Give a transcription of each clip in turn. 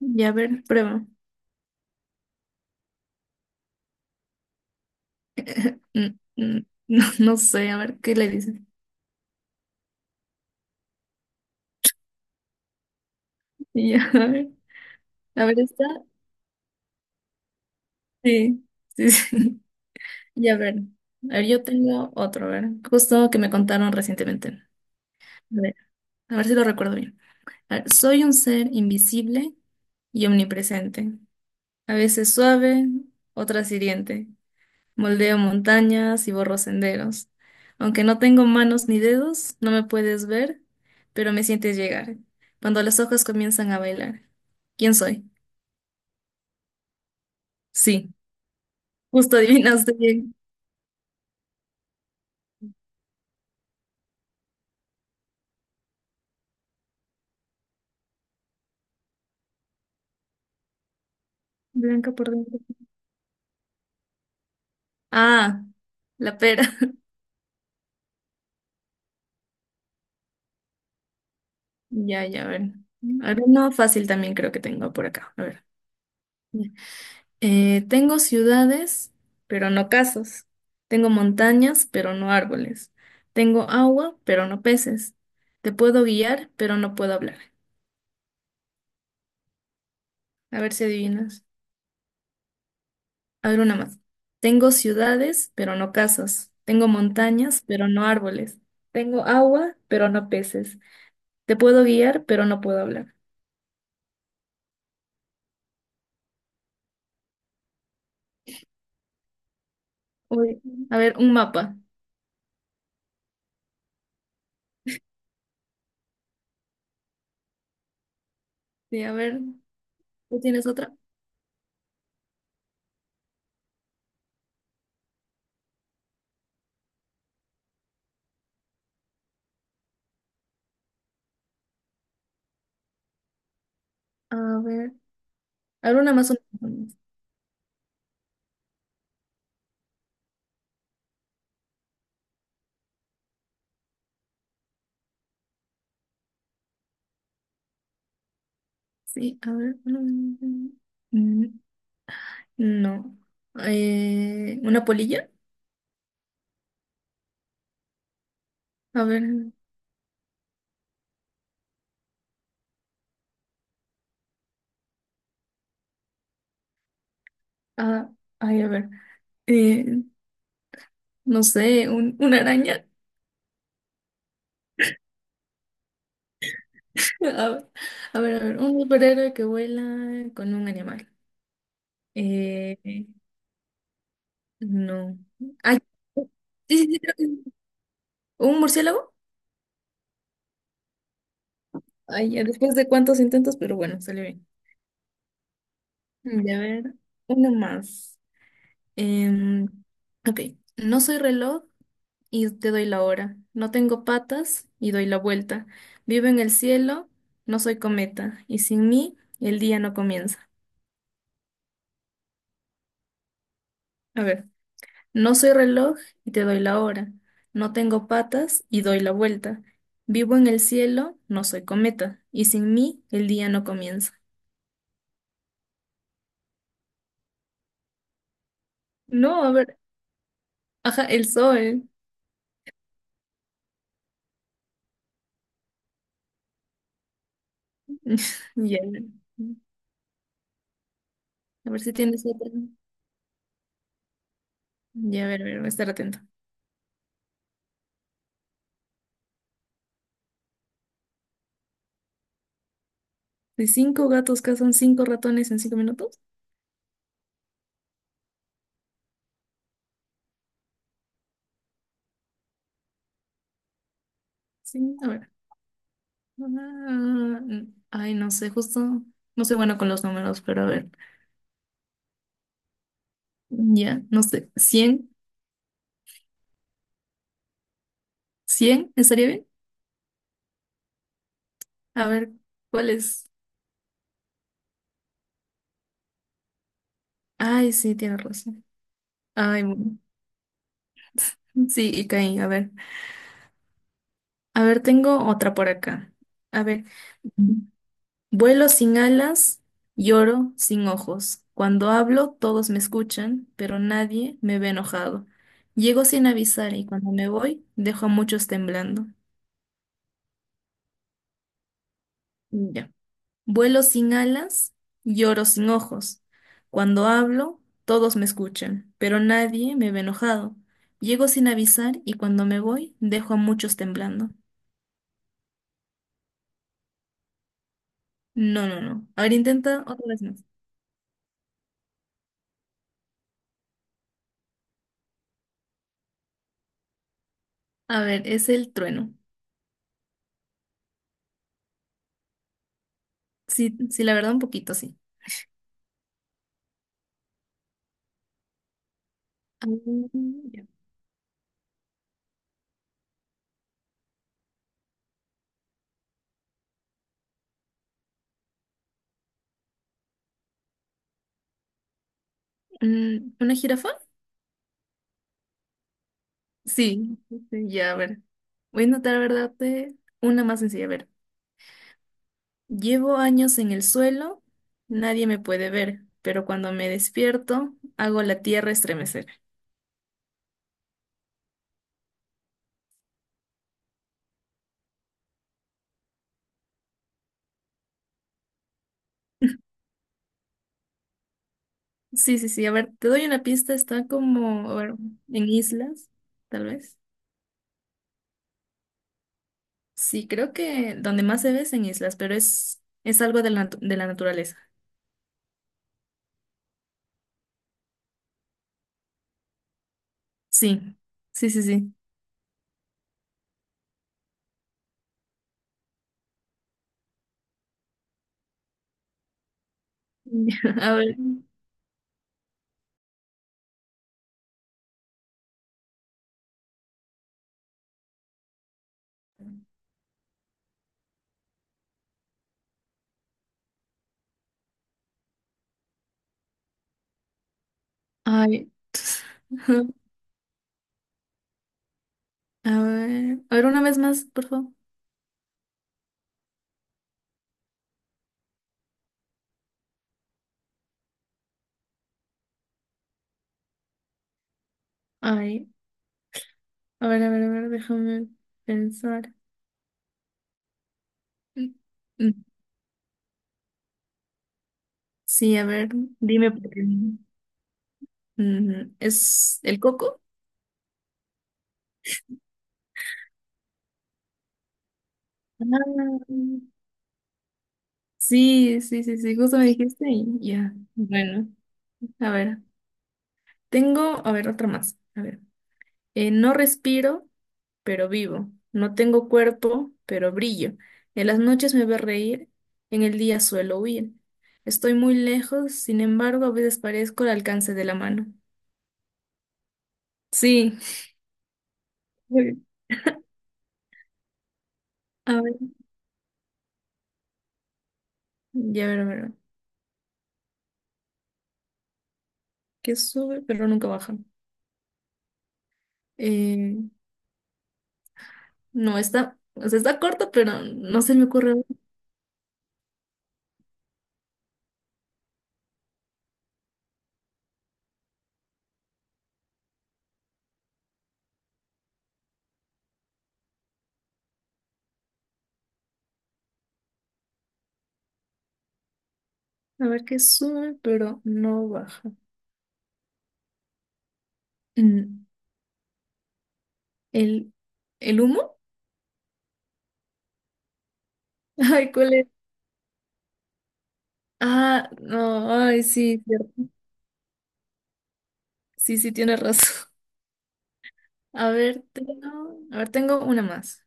Ya, a ver, prueba. Mm, mm, No, no sé, a ver qué le dicen. Ya, a ver, está. Sí, sí, sí. Ya, a ver. A ver, yo tengo otro, a ver. Justo que me contaron recientemente. Ver, a ver si lo recuerdo bien. A ver, soy un ser invisible y omnipresente. A veces suave, otras hiriente. Moldeo montañas y borro senderos. Aunque no tengo manos ni dedos, no me puedes ver, pero me sientes llegar. Cuando las hojas comienzan a bailar. ¿Quién soy? Sí, justo adivinaste bien. Blanca por dentro. Ah, la pera. Ya, ya, a ver. A ver, no, fácil también creo que tengo por acá. A ver. Tengo ciudades, pero no casas. Tengo montañas, pero no árboles. Tengo agua, pero no peces. Te puedo guiar, pero no puedo hablar. A ver si adivinas. A ver una más. Tengo ciudades, pero no casas. Tengo montañas, pero no árboles. Tengo agua, pero no peces. Te puedo guiar, pero no puedo hablar. Uy, a ver, un mapa. Sí, a ver. ¿Tú tienes otra? A ver. A ver una más, una más. Sí, a ver. No. ¿Una polilla? A ver. Ah, ay, a ver. Eh, no sé, una araña. A ver, a ver, a ver. Un superhéroe que vuela con un animal. Eh, no. Ay, sí, sí, sí, creo que sí. ¿Un murciélago? Ay, ya después de cuántos intentos, pero bueno, salió bien. Y a ver, uno más. Em, OK. No soy reloj, y te doy la hora. No tengo patas y doy la vuelta. Vivo en el cielo, no soy cometa, y sin mí el día no comienza. A ver, no soy reloj y te doy la hora. No tengo patas y doy la vuelta. Vivo en el cielo, no soy cometa, y sin mí el día no comienza. No, a ver, ajá, el sol. Ya. A ver si tienes otra. Ya, a ver, voy a estar atento. Si cinco gatos cazan cinco ratones en 5 minutos. Sí, a ver. Ah, ay, no sé, justo, no soy bueno con los números, pero a ver, ya, no sé, cien estaría bien? A ver, ¿cuál es? Ay, sí, tienes razón. Ay, bueno. Sí, y caí, a ver. A ver, tengo otra por acá. A ver, vuelo sin alas, lloro sin ojos. Cuando hablo, todos me escuchan, pero nadie me ve enojado. Llego sin avisar y cuando me voy, dejo a muchos temblando. Ya. Vuelo sin alas, lloro sin ojos. Cuando hablo, todos me escuchan, pero nadie me ve enojado. Llego sin avisar y cuando me voy, dejo a muchos temblando. No, no, no. A ver, intenta otra vez más. A ver, es el trueno. Sí, sí, la verdad, un poquito, sí. Ah, ya. ¿Una jirafa? Sí. Sí, ya, a ver. Voy a intentar, ¿verdad? Una más sencilla, a ver. Llevo años en el suelo, nadie me puede ver, pero cuando me despierto, hago la tierra estremecer. Sí, sí, sí, a ver, te doy una pista, está como, a ver, en islas, tal vez. Sí, creo que donde más se ve es en islas, pero es algo de la, de la naturaleza. Sí, sí, sí, sí. A ver, ay, a ver, una vez más, por favor. Ay, a ver, a ver, a ver, déjame pensar. Sí, a ver, dime por qué no. Ujú, ¿es el coco? Ah, sí, sí, sí, sí, justo me dijiste y ya. Bueno, a ver, tengo, a ver, otra más. A ver, no respiro, pero vivo. No tengo cuerpo, pero brillo. En las noches me ve reír, en el día suelo huir. Estoy muy lejos, sin embargo, a veces parezco al alcance de la mano. Sí. A ver, ya a ver, a ver. Que sube, pero nunca baja. Eh, No está, o sea, está corto, pero no se me ocurre. A ver qué sube, pero no baja. Mm, ¿El, el humo? Ay, ¿cuál es? Ah, no, ay, sí, cierto. Sí, sí, tienes razón. A ver, tengo una más.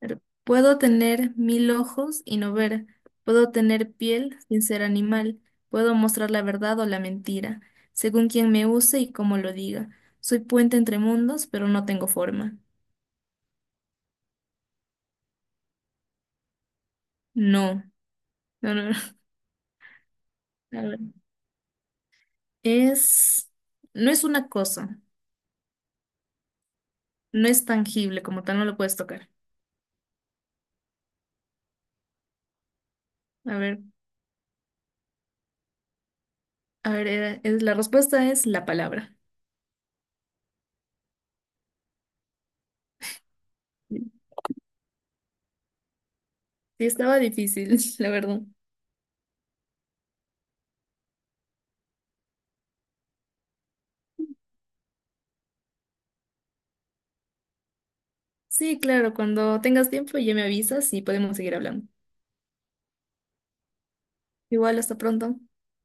A ver, puedo tener 1.000 ojos y no ver. Puedo tener piel sin ser animal. Puedo mostrar la verdad o la mentira, según quien me use y cómo lo diga. Soy puente entre mundos, pero no tengo forma. No. No, no, no. A ver. Es, no es una cosa, no es tangible, como tal, no lo puedes tocar. A ver, a ver, la respuesta es la palabra. Sí, estaba difícil, la verdad. Sí, claro, cuando tengas tiempo ya me avisas y podemos seguir hablando. Igual, hasta pronto.